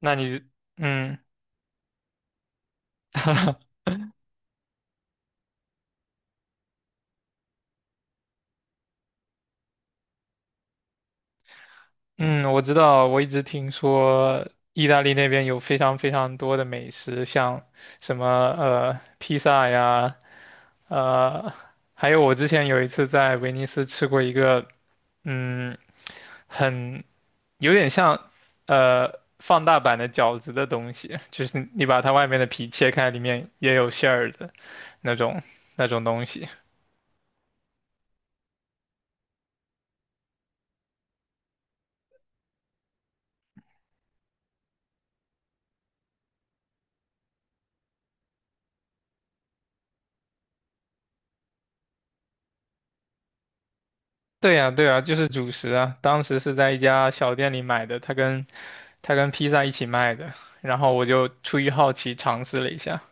那你，嗯嗯，我知道，我一直听说意大利那边有非常非常多的美食，像什么披萨呀，呃，还有我之前有一次在威尼斯吃过一个，嗯，很有点像放大版的饺子的东西，就是你把它外面的皮切开，里面也有馅儿的那种那种东西。对呀，对呀，就是主食啊。当时是在一家小店里买的，它跟披萨一起卖的。然后我就出于好奇尝试了一下，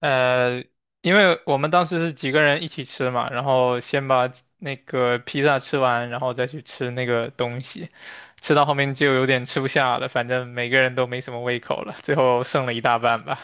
呃，因为我们当时是几个人一起吃嘛，然后先把那个披萨吃完，然后再去吃那个东西，吃到后面就有点吃不下了，反正每个人都没什么胃口了，最后剩了一大半吧。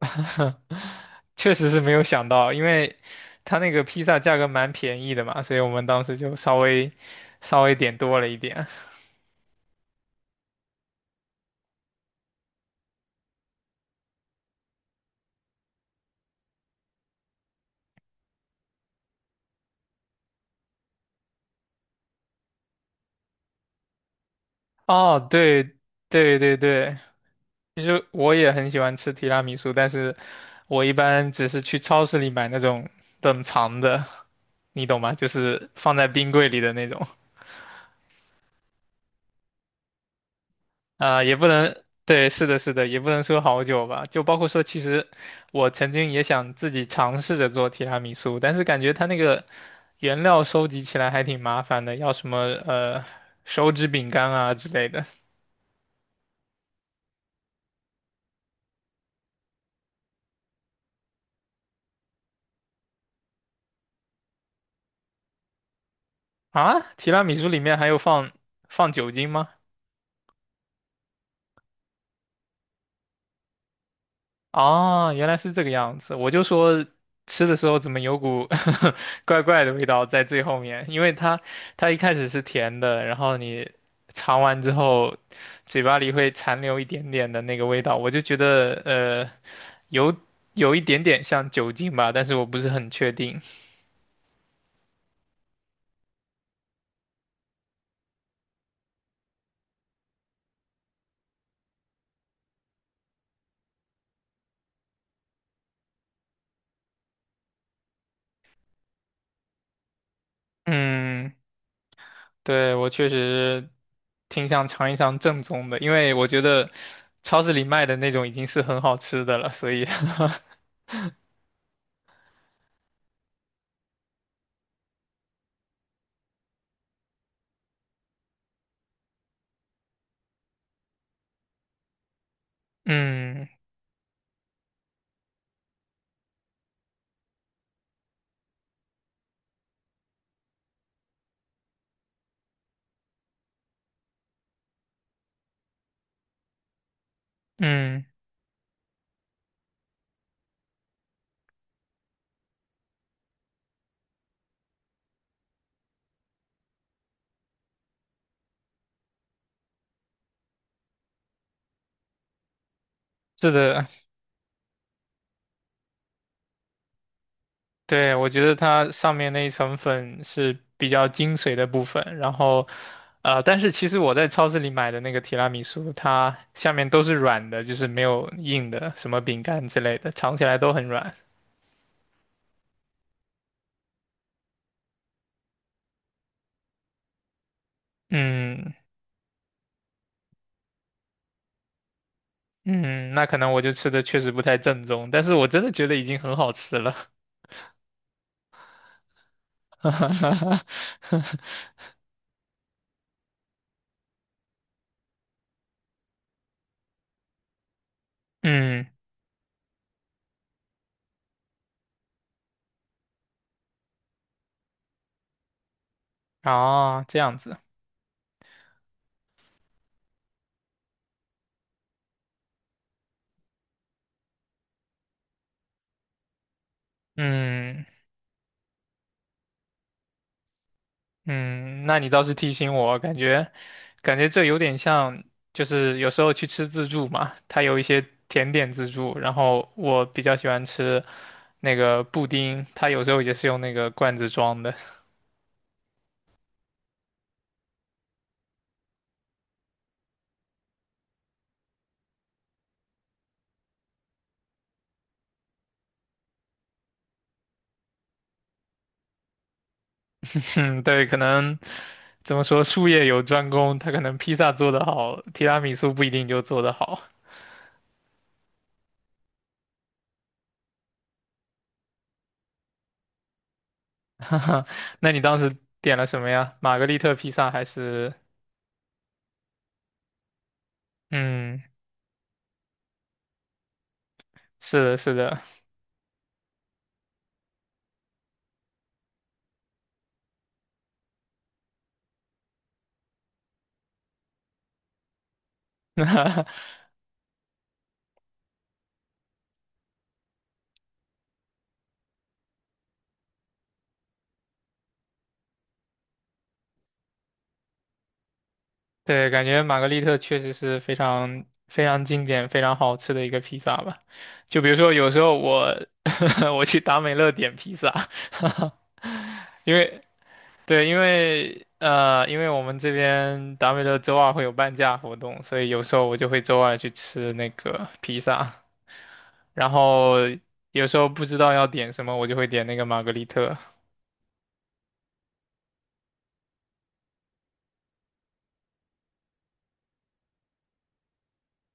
确实是没有想到，因为他那个披萨价格蛮便宜的嘛，所以我们当时就稍微点多了一点。哦，对对对对，其实我也很喜欢吃提拉米苏，但是我一般只是去超市里买那种冷藏的，你懂吗？就是放在冰柜里的那种。啊、也不能，对，是的，是的，也不能说好久吧。就包括说，其实我曾经也想自己尝试着做提拉米苏，但是感觉它那个原料收集起来还挺麻烦的，要什么呃手指饼干啊之类的。啊，提拉米苏里面还有放酒精吗？哦，原来是这个样子。我就说吃的时候怎么有股 怪怪的味道在最后面，因为它一开始是甜的，然后你尝完之后，嘴巴里会残留一点点的那个味道，我就觉得有有一点点像酒精吧，但是我不是很确定。嗯，对，我确实挺想尝一尝正宗的，因为我觉得超市里卖的那种已经是很好吃的了，所以 嗯嗯。是的，对，我觉得它上面那一层粉是比较精髓的部分，然后，但是其实我在超市里买的那个提拉米苏，它下面都是软的，就是没有硬的，什么饼干之类的，尝起来都很软。嗯嗯，那可能我就吃的确实不太正宗，但是我真的觉得已经很好吃了。嗯，哦，这样子，嗯。嗯，那你倒是提醒我，感觉这有点像，就是有时候去吃自助嘛，它有一些甜点自助，然后我比较喜欢吃那个布丁，它有时候也是用那个罐子装的。嗯，对，可能怎么说，术业有专攻，他可能披萨做得好，提拉米苏不一定就做得好。哈哈，那你当时点了什么呀？玛格丽特披萨还是？嗯，是的，是的。对，感觉玛格丽特确实是非常非常经典、非常好吃的一个披萨吧。就比如说，有时候我 我去达美乐点披萨，因为对，因为因为我们这边达美乐周二会有半价活动，所以有时候我就会周二去吃那个披萨，然后有时候不知道要点什么，我就会点那个玛格丽特。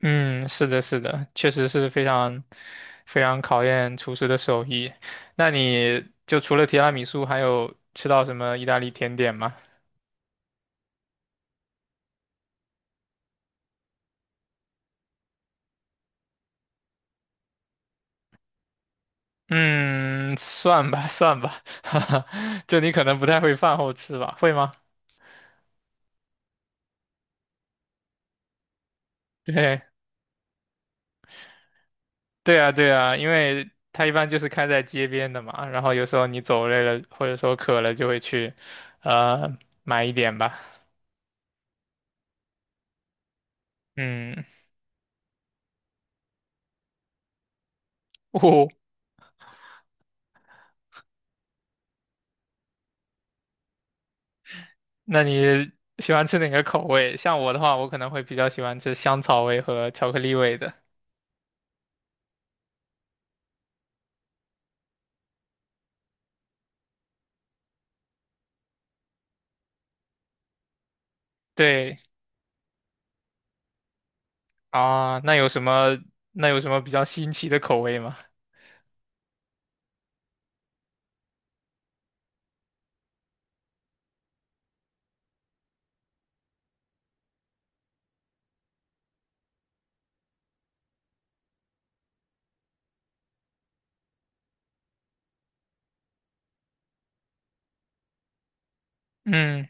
嗯，是的，是的，确实是非常非常考验厨师的手艺。那你就除了提拉米苏，还有吃到什么意大利甜点吗？嗯，算吧，算吧，哈哈，就你可能不太会饭后吃吧，会吗？对，对啊，对啊，因为它一般就是开在街边的嘛，然后有时候你走累了或者说渴了，就会去，呃，买一点吧。嗯，哦那你喜欢吃哪个口味？像我的话，我可能会比较喜欢吃香草味和巧克力味的。对啊，那有什么比较新奇的口味吗？嗯，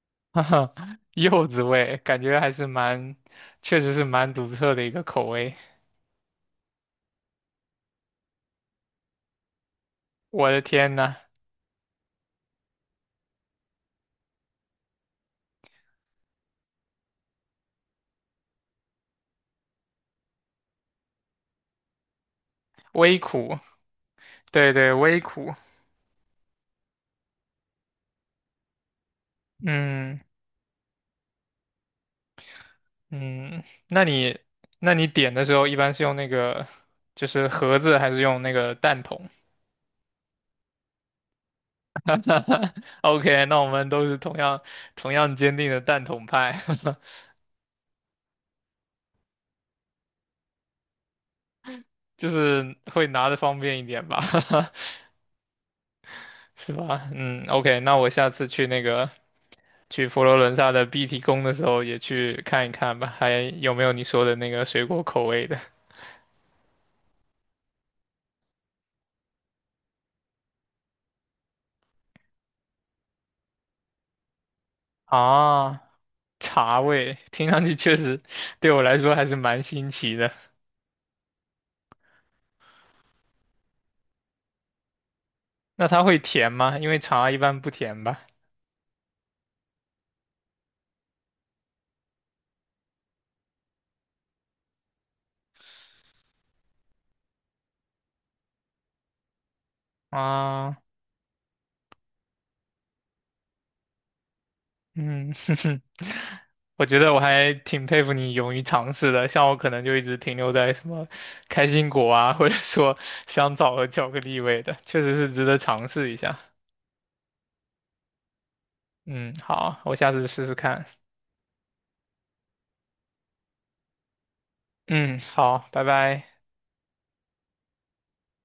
哈哈，柚子味，感觉还是蛮，确实是蛮独特的一个口味。我的天呐，微苦，对对，微苦。嗯嗯，那你那你点的时候一般是用那个就是盒子还是用那个蛋筒？OK,那我们都是同样坚定的蛋筒派，就是会拿的方便一点吧，是吧？嗯，OK,那我下次去那个去佛罗伦萨的碧提宫的时候也去看一看吧，还有没有你说的那个水果口味的啊？茶味，听上去确实对我来说还是蛮新奇的。那它会甜吗？因为茶一般不甜吧？啊。嗯，哼哼，我觉得我还挺佩服你勇于尝试的，像我可能就一直停留在什么开心果啊，或者说香草和巧克力味的，确实是值得尝试一下。嗯，好，我下次试试看。嗯，好，拜拜。